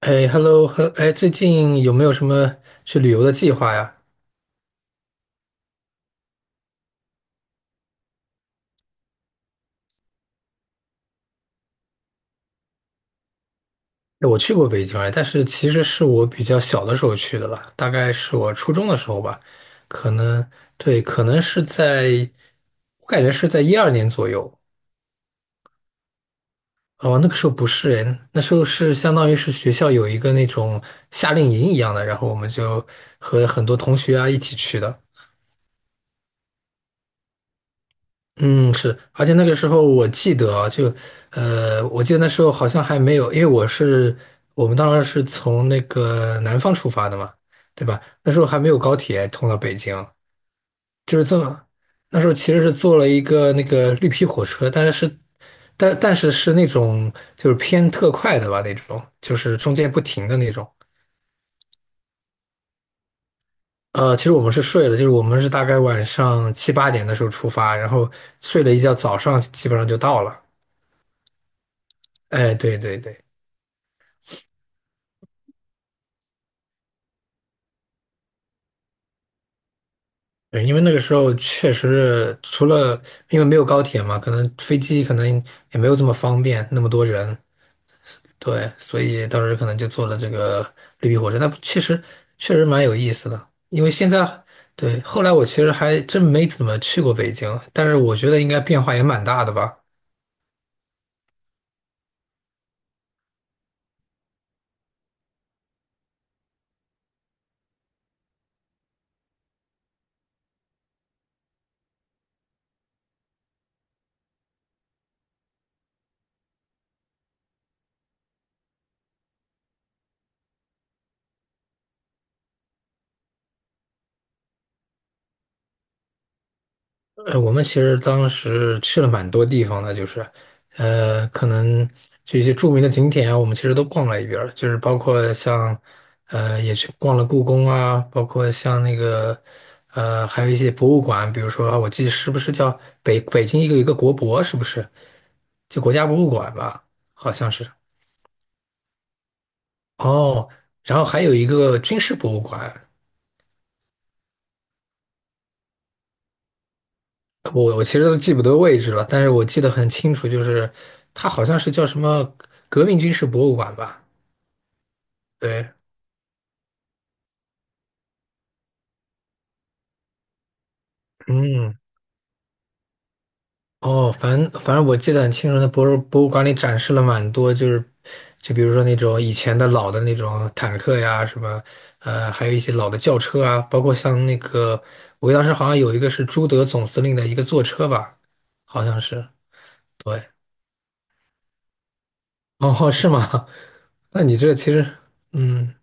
哎，hello，呵哎，最近有没有什么去旅游的计划呀？哎，我去过北京哎，但是其实是我比较小的时候去的了，大概是我初中的时候吧，可能对，可能是在，我感觉是在一二年左右。哦，那个时候不是哎，那时候是相当于是学校有一个那种夏令营一样的，然后我们就和很多同学啊一起去的。嗯，是，而且那个时候我记得啊，就，我记得那时候好像还没有，因为我们当时是从那个南方出发的嘛，对吧？那时候还没有高铁通到北京，就是这么，那时候其实是坐了一个那个绿皮火车，但是那种就是偏特快的吧，那种就是中间不停的那种。其实我们是睡了，就是我们是大概晚上7、8点的时候出发，然后睡了一觉，早上基本上就到了。哎，对对对。对，因为那个时候确实除了因为没有高铁嘛，可能飞机可能也没有这么方便，那么多人，对，所以当时可能就坐了这个绿皮火车，那确实蛮有意思的。因为现在对，后来我其实还真没怎么去过北京，但是我觉得应该变化也蛮大的吧。我们其实当时去了蛮多地方的，就是，可能就一些著名的景点啊，我们其实都逛了一遍儿就是包括像，也去逛了故宫啊，包括像那个，还有一些博物馆，比如说啊我记得是不是叫北京一个有一个国博，是不是？就国家博物馆吧，好像是。哦，然后还有一个军事博物馆，我其实都记不得位置了，但是我记得很清楚，就是它好像是叫什么革命军事博物馆吧？对，嗯，哦，反正我记得很清楚，那博物馆里展示了蛮多，就比如说那种以前的老的那种坦克呀，什么还有一些老的轿车啊，包括像那个我当时好像有一个是朱德总司令的一个坐车吧，好像是，对，哦，是吗？那你这其实，嗯，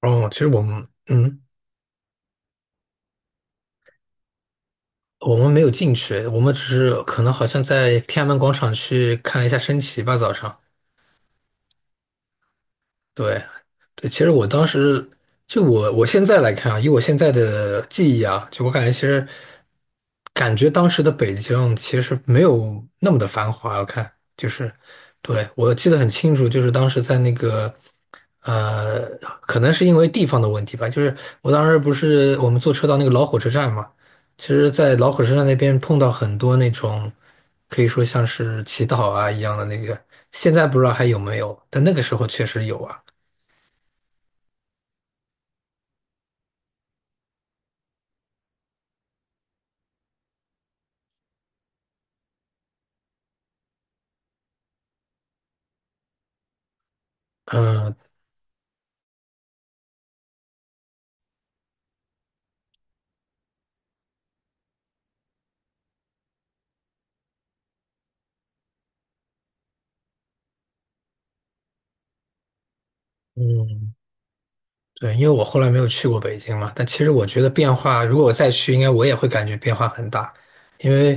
哦，其实我们，嗯。我们没有进去，我们只是可能好像在天安门广场去看了一下升旗吧，早上。对，对，其实我当时就我现在来看啊，以我现在的记忆啊，就我感觉其实感觉当时的北京其实没有那么的繁华。我看就是，对，我记得很清楚，就是当时在那个呃，可能是因为地方的问题吧，就是我当时不是我们坐车到那个老火车站嘛，其实，在老火车站那边碰到很多那种可以说像是乞讨啊一样的那个，现在不知道还有没有，但那个时候确实有啊。嗯嗯，对，因为我后来没有去过北京嘛，但其实我觉得变化，如果我再去，应该我也会感觉变化很大，因为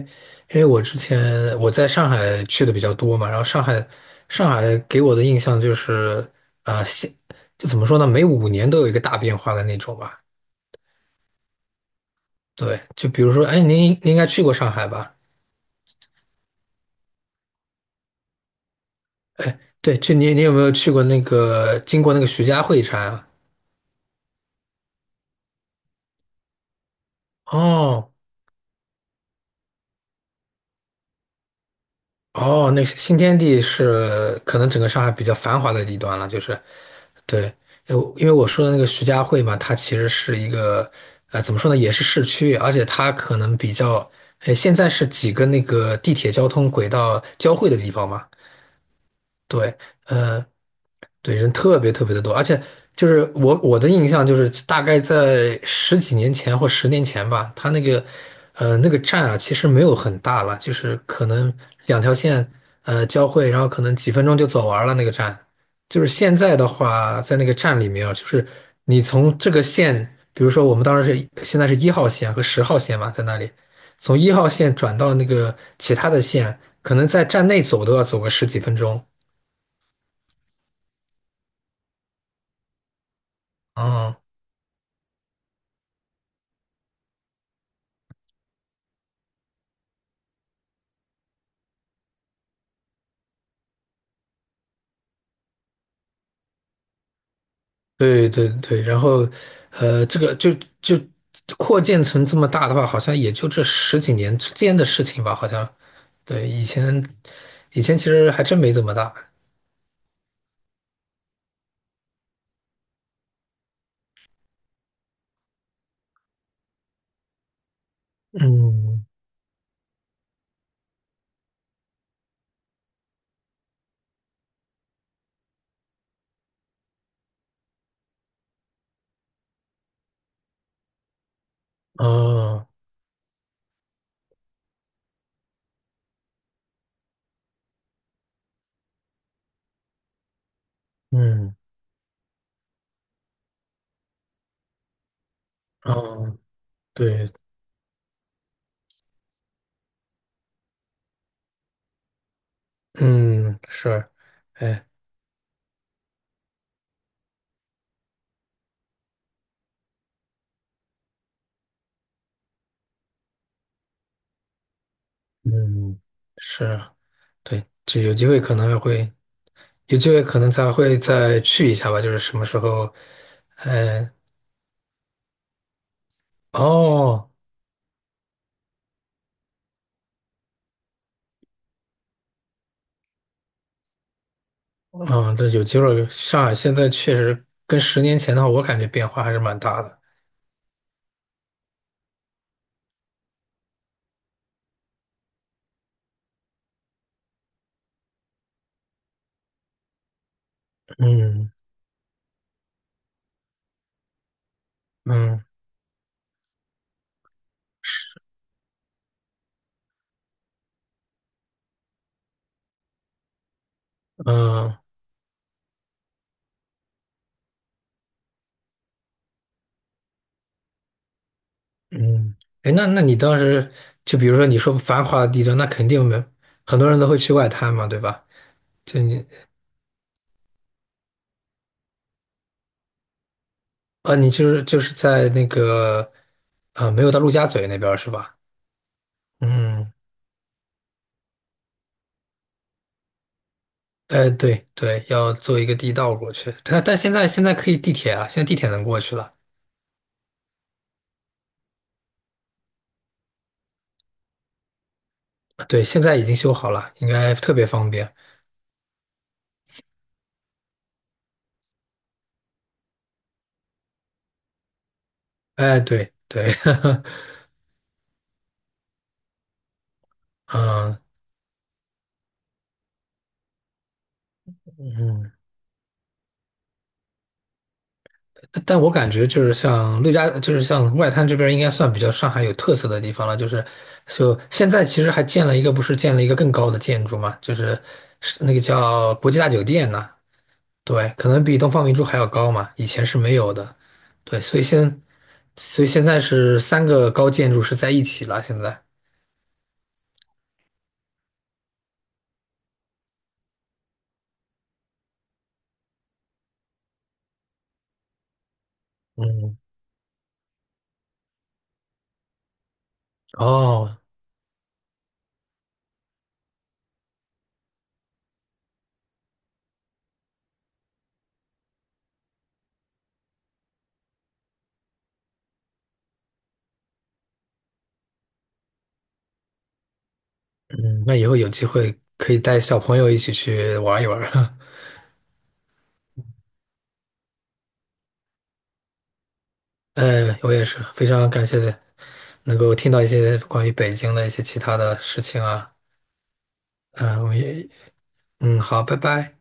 因为我之前我在上海去的比较多嘛，然后上海给我的印象就是，啊，就怎么说呢，每5年都有一个大变化的那种吧。对，就比如说，哎，您应该去过上海吧？哎，对，就你有没有去过那个经过那个徐家汇站啊？哦，哦，那是新天地是可能整个上海比较繁华的地段了，就是对，因为我说的那个徐家汇嘛，它其实是一个怎么说呢，也是市区，而且它可能比较，现在是几个那个地铁交通轨道交汇的地方嘛，对，呃，对，人特别特别的多，而且就是我的印象就是大概在十几年前或十年前吧，它那个站啊，其实没有很大了，就是可能两条线交汇，然后可能几分钟就走完了那个站。就是现在的话，在那个站里面啊，就是你从这个线，比如说我们当时是现在是一号线和10号线嘛，在那里从一号线转到那个其他的线，可能在站内走都要走个十几分钟。嗯对对对，然后，这个就扩建成这么大的话，好像也就这十几年之间的事情吧，好像。对，以前其实还真没这么大。嗯，哦，嗯，哦，对，嗯，是，哎，嗯，是啊对，就有机会可能还会，有机会可能才会再去一下吧，就是什么时候，哎，哦。嗯，对，有机会。上海现在确实跟十年前的话，我感觉变化还是蛮大的。嗯嗯嗯嗯，哎，那你当时就比如说你说繁华的地段，那肯定没很多人都会去外滩嘛，对吧？就你啊，你就是在那个啊，没有到陆家嘴那边儿是吧？嗯，哎，对对，要坐一个地道过去。但现在可以地铁啊，现在地铁能过去了。对，现在已经修好了，应该特别方便。哎，对对，嗯嗯，但我感觉就是像陆家，就是像外滩这边，应该算比较上海有特色的地方了。就现在其实还建了一个，不是建了一个更高的建筑嘛，就是那个叫国际大酒店呢。对，可能比东方明珠还要高嘛，以前是没有的。对，所以现在是三个高建筑是在一起了。现在，嗯，哦，嗯，那以后有机会可以带小朋友一起去玩一玩。我也是非常感谢能够听到一些关于北京的一些其他的事情啊。嗯、我也，嗯，好，拜拜。